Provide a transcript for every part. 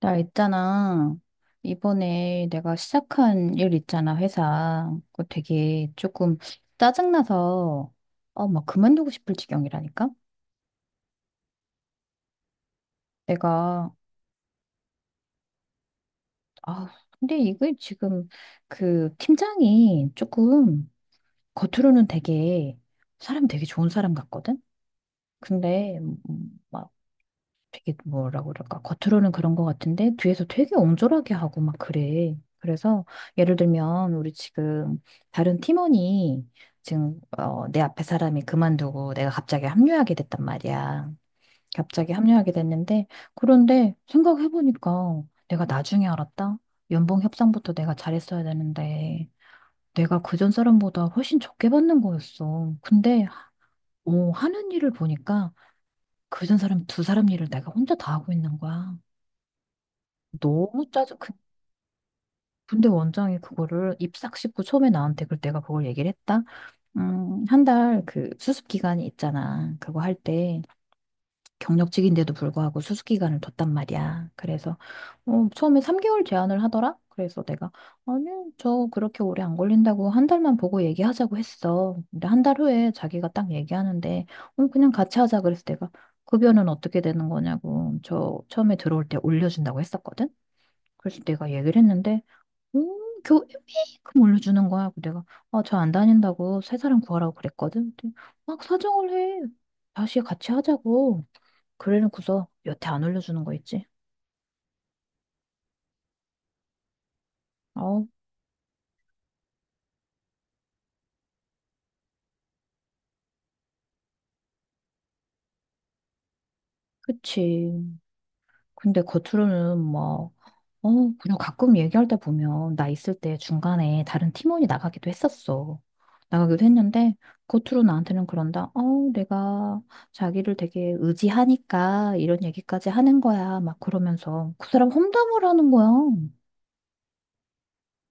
나 있잖아. 이번에 내가 시작한 일 있잖아, 회사. 그거 되게 조금 짜증나서, 막 그만두고 싶을 지경이라니까? 내가, 아, 근데 이게 지금 그 팀장이 조금 겉으로는 되게 사람 되게 좋은 사람 같거든? 근데, 막 되게 뭐라고 그럴까 겉으로는 그런 것 같은데 뒤에서 되게 옹졸하게 하고 막 그래. 그래서 예를 들면 우리 지금 다른 팀원이 지금 내 앞에 사람이 그만두고 내가 갑자기 합류하게 됐단 말이야. 갑자기 합류하게 됐는데 그런데 생각해보니까 내가 나중에 알았다. 연봉 협상부터 내가 잘했어야 되는데 내가 그전 사람보다 훨씬 적게 받는 거였어. 근데 오, 하는 일을 보니까 그전 사람 두 사람 일을 내가 혼자 다 하고 있는 거야. 너무 짜증, 그- 근데 원장이 그거를 입싹 씹고 처음에 나한테 그 내가 그걸 얘기를 했다. 한 달 그 수습 기간이 있잖아. 그거 할 때 경력직인데도 불구하고 수습 기간을 뒀단 말이야. 그래서 처음에 3개월 제한을 하더라. 그래서 내가 아니, 저 그렇게 오래 안 걸린다고 한 달만 보고 얘기하자고 했어. 근데 한 달 후에 자기가 딱 얘기하는데 그냥 같이 하자 그래서 내가 급여는 어떻게 되는 거냐고 저 처음에 들어올 때 올려준다고 했었거든. 그래서 내가 얘기를 했는데 교회 메이크큼 올려주는 거야. 그래서 내가, 아, 저 안 다닌다고 새 사람 구하라고 그랬거든. 근데 막 사정을 해. 다시 같이 하자고. 그래놓고서 여태 안 올려주는 거 있지. 어, 그치. 근데 겉으로는 뭐, 어, 그냥 가끔 얘기할 때 보면 나 있을 때 중간에 다른 팀원이 나가기도 했었어. 나가기도 했는데 겉으로 나한테는 그런다. 내가 자기를 되게 의지하니까 이런 얘기까지 하는 거야. 막 그러면서 그 사람 험담을 하는 거야.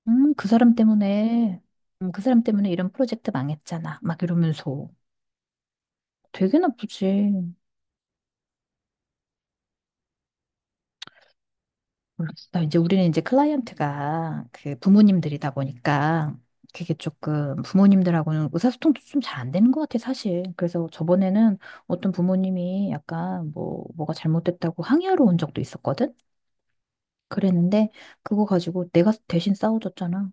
음, 그 사람 때문에, 그 사람 때문에 이런 프로젝트 망했잖아. 막 이러면서 되게 나쁘지. 모르겠어. 이제 우리는 이제 클라이언트가 그 부모님들이다 보니까 그게 조금 부모님들하고는 의사소통도 좀 잘 안 되는 것 같아, 사실. 그래서 저번에는 어떤 부모님이 약간 뭐, 뭐가 잘못됐다고 항의하러 온 적도 있었거든? 그랬는데 그거 가지고 내가 대신 싸워줬잖아.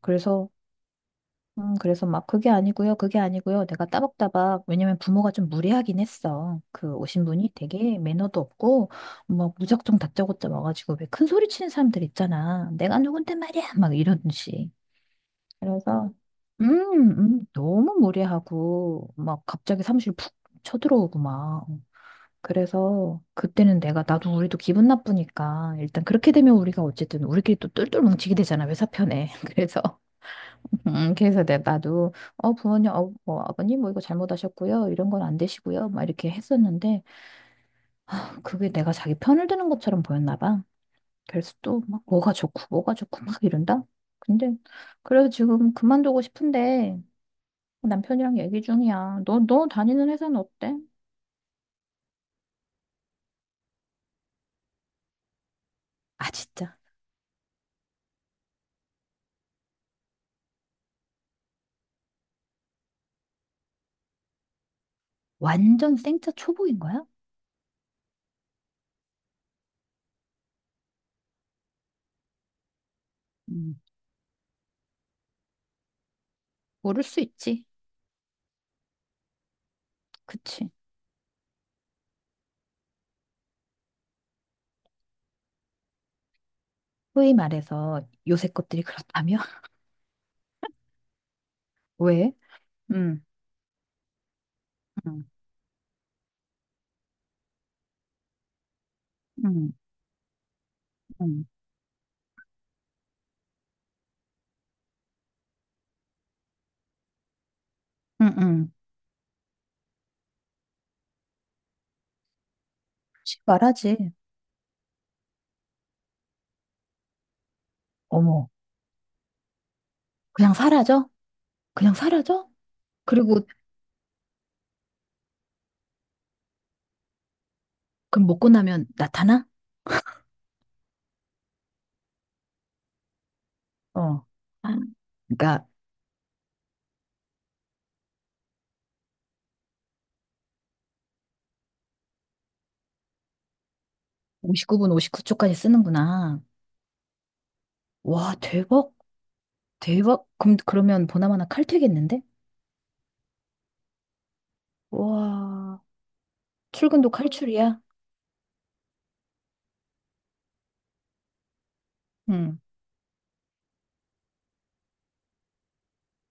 그래서 그래서 막 그게 아니고요, 그게 아니고요. 내가 따박따박, 왜냐면 부모가 좀 무례하긴 했어. 그 오신 분이 되게 매너도 없고, 뭐 무작정 다짜고짜 와가지고 왜 큰 소리 치는 사람들 있잖아. 내가 누군데 말이야! 막 이런 식. 그래서, 음, 너무 무례하고, 막 갑자기 사무실 푹 쳐들어오고 막. 그래서 그때는 내가 나도 우리도 기분 나쁘니까 일단 그렇게 되면 우리가 어쨌든 우리끼리 또 똘똘 뭉치게 되잖아 회사 편에 그래서 그래서 내 나도 부모님 뭐 아버님 뭐 이거 잘못하셨고요 이런 건 안 되시고요 막 이렇게 했었는데 그게 내가 자기 편을 드는 것처럼 보였나 봐. 그래서 또 막 뭐가 좋고 뭐가 좋고 막 이런다. 근데 그래서 지금 그만두고 싶은데 남편이랑 얘기 중이야. 너 다니는 회사는 어때? 아 진짜. 완전 생짜 초보인 거야? 음. 모를 수 있지. 그치. 소위 말해서 요새 것들이 그렇다며. 왜? 음, 음, 음, 음, 음, 음. 말하지. 어머, 그냥 사라져? 그냥 사라져? 그리고 그럼 먹고 나면 나타나? 어. 아, 그러니까 59분 59초까지 쓰는구나. 와, 대박. 대박. 그럼 그러면 보나마나 칼퇴겠는데? 와, 출근도 칼출이야. 응.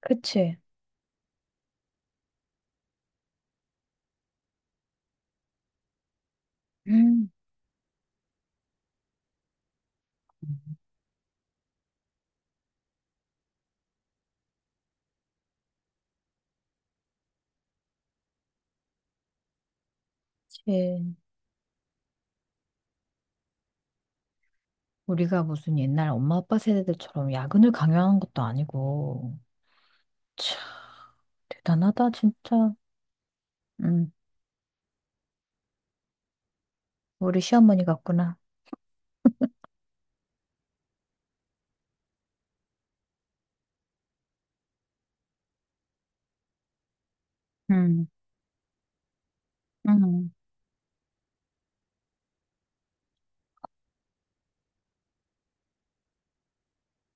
그치? 음. 그치. 우리가 무슨 옛날 엄마 아빠 세대들처럼 야근을 강요하는 것도 아니고. 참, 대단하다, 진짜. 응. 우리 시어머니 같구나. 응. 응.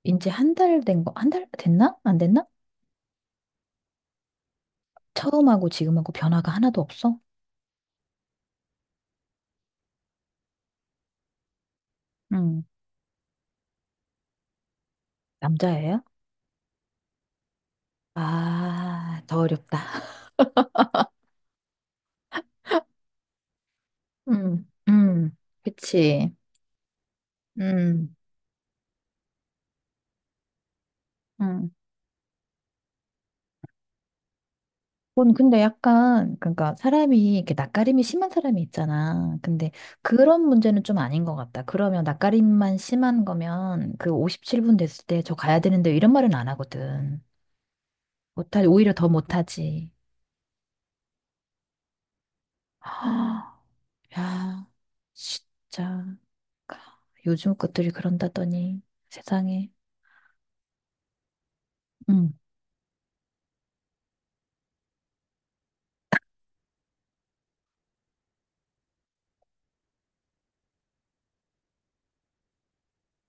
이제 한 달 된 거, 한 달 됐나? 안 됐나? 처음하고 지금하고 변화가 하나도 없어? 음. 남자예요? 아, 더 어렵다. 음, 음, 그치. 음, 음. 그건 근데 약간, 그러니까 사람이 이렇게 낯가림이 심한 사람이 있잖아. 근데 그런 문제는 좀 아닌 것 같다. 그러면 낯가림만 심한 거면 그 57분 됐을 때 저 가야 되는데 이런 말은 안 하거든. 오히려 더 못하지. 야, 진짜. 그러니까 요즘 것들이 그런다더니 세상에. 응.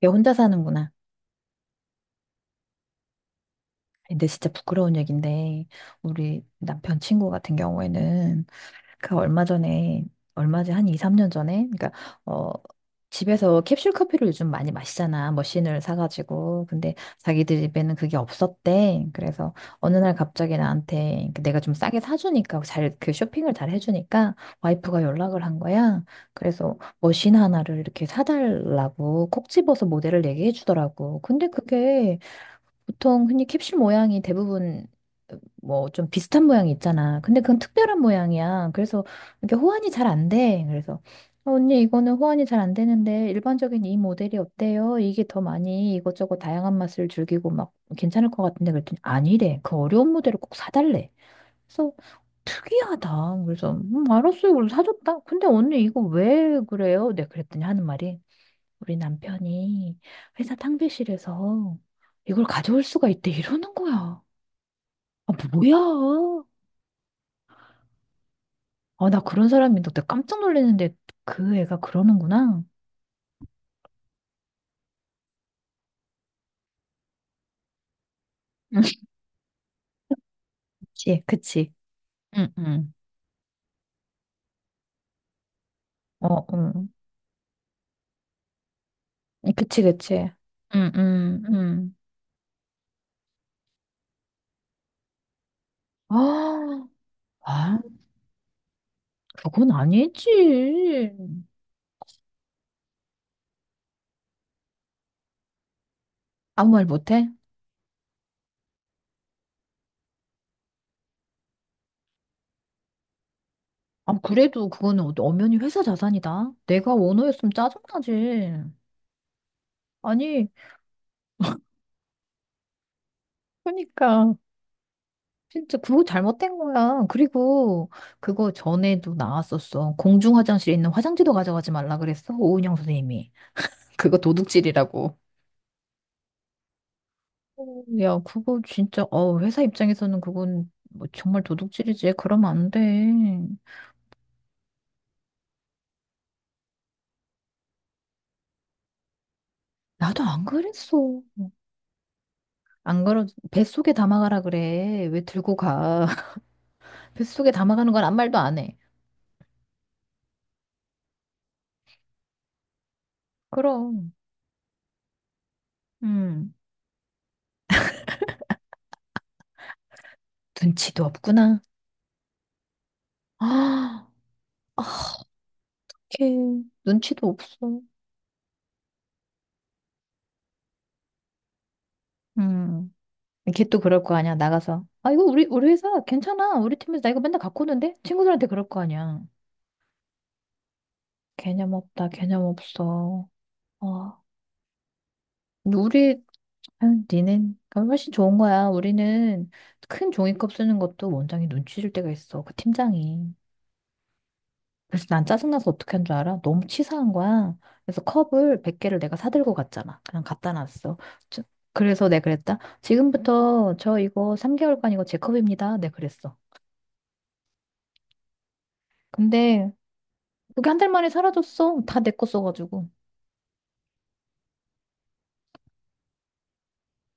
얘 혼자 사는구나. 근데 진짜 부끄러운 얘긴데 우리 남편 친구 같은 경우에는 그 얼마 전에 얼마지 한 2, 3년 전에 그러니까 어 집에서 캡슐 커피를 요즘 많이 마시잖아. 머신을 사가지고. 근데 자기들 집에는 그게 없었대. 그래서 어느 날 갑자기 나한테 그 내가 좀 싸게 사주니까 잘 그 쇼핑을 잘 해주니까 와이프가 연락을 한 거야. 그래서 머신 하나를 이렇게 사달라고 콕 집어서 모델을 얘기해 주더라고. 근데 그게 보통 흔히 캡슐 모양이 대부분 뭐 좀 비슷한 모양이 있잖아. 근데 그건 특별한 모양이야. 그래서 이렇게 호환이 잘 안 돼. 그래서 언니 이거는 호환이 잘 안 되는데 일반적인 이 모델이 어때요? 이게 더 많이 이것저것 다양한 맛을 즐기고 막 괜찮을 것 같은데 그랬더니 아니래. 그 어려운 모델을 꼭 사달래. 그래서 특이하다. 그래서 알았어요. 그래서 사줬다. 근데 언니 이거 왜 그래요? 내가 그랬더니 하는 말이 우리 남편이 회사 탕비실에서 이걸 가져올 수가 있대 이러는 거야. 아, 뭐야? 아, 나 그런 사람인데 나 깜짝 놀랐는데 그 애가 그러는구나. 응, 그치, 그치. 응, 응. 어, 응. 그치, 그치. 응, 응, 응. 아, 아, 그건 아니지. 아무 말 못해? 아, 그래도 그거는 엄연히 회사 자산이다. 내가 오너였으면 짜증나지. 아니, 그러니까 진짜 그거 잘못된 거야. 그리고 그거 전에도 나왔었어. 공중 화장실에 있는 화장지도 가져가지 말라 그랬어. 오은영 선생님이. 그거 도둑질이라고. 어, 야, 그거 진짜, 회사 입장에서는 그건 뭐 정말 도둑질이지. 그러면 안 돼. 나도 안 그랬어. 안 그러, 뱃속에 담아가라 그래. 왜 들고 가? 뱃속에 담아가는 건 아무 말도 안 해. 그럼, 음, 눈치도 없구나. 아, 어떡해. 눈치도 없어. 음. 걔 또 그럴 거 아니야, 나가서. 아, 이거 우리 회사 괜찮아. 우리 팀에서 나 이거 맨날 갖고 오는데? 친구들한테 그럴 거 아니야. 개념 없다, 개념 없어. 어, 근데 우리, 아, 니는 훨씬 좋은 거야. 우리는 큰 종이컵 쓰는 것도 원장이 눈치 줄 때가 있어. 그 팀장이. 그래서 난 짜증나서 어떻게 한 줄 알아? 너무 치사한 거야. 그래서 컵을 100개를 내가 사들고 갔잖아. 그냥 갖다 놨어. 저- 그래서 내가 그랬다. 지금부터 저 이거 3개월간 이거 제 컵입니다. 내가 그랬어. 근데 그게 한 달 만에 사라졌어. 다 내 거 써가지고.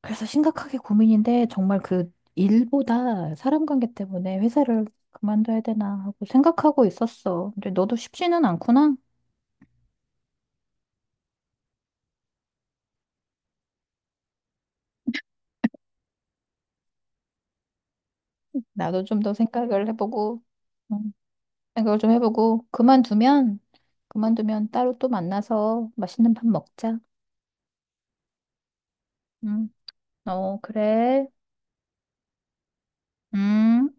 그래서 심각하게 고민인데 정말 그 일보다 사람 관계 때문에 회사를 그만둬야 되나 하고 생각하고 있었어. 근데 너도 쉽지는 않구나. 나도 좀 더 생각을 해보고, 음, 생각을 좀 해보고, 그만두면 따로 또 만나서 맛있는 밥 먹자. 응, 어, 그래. 음.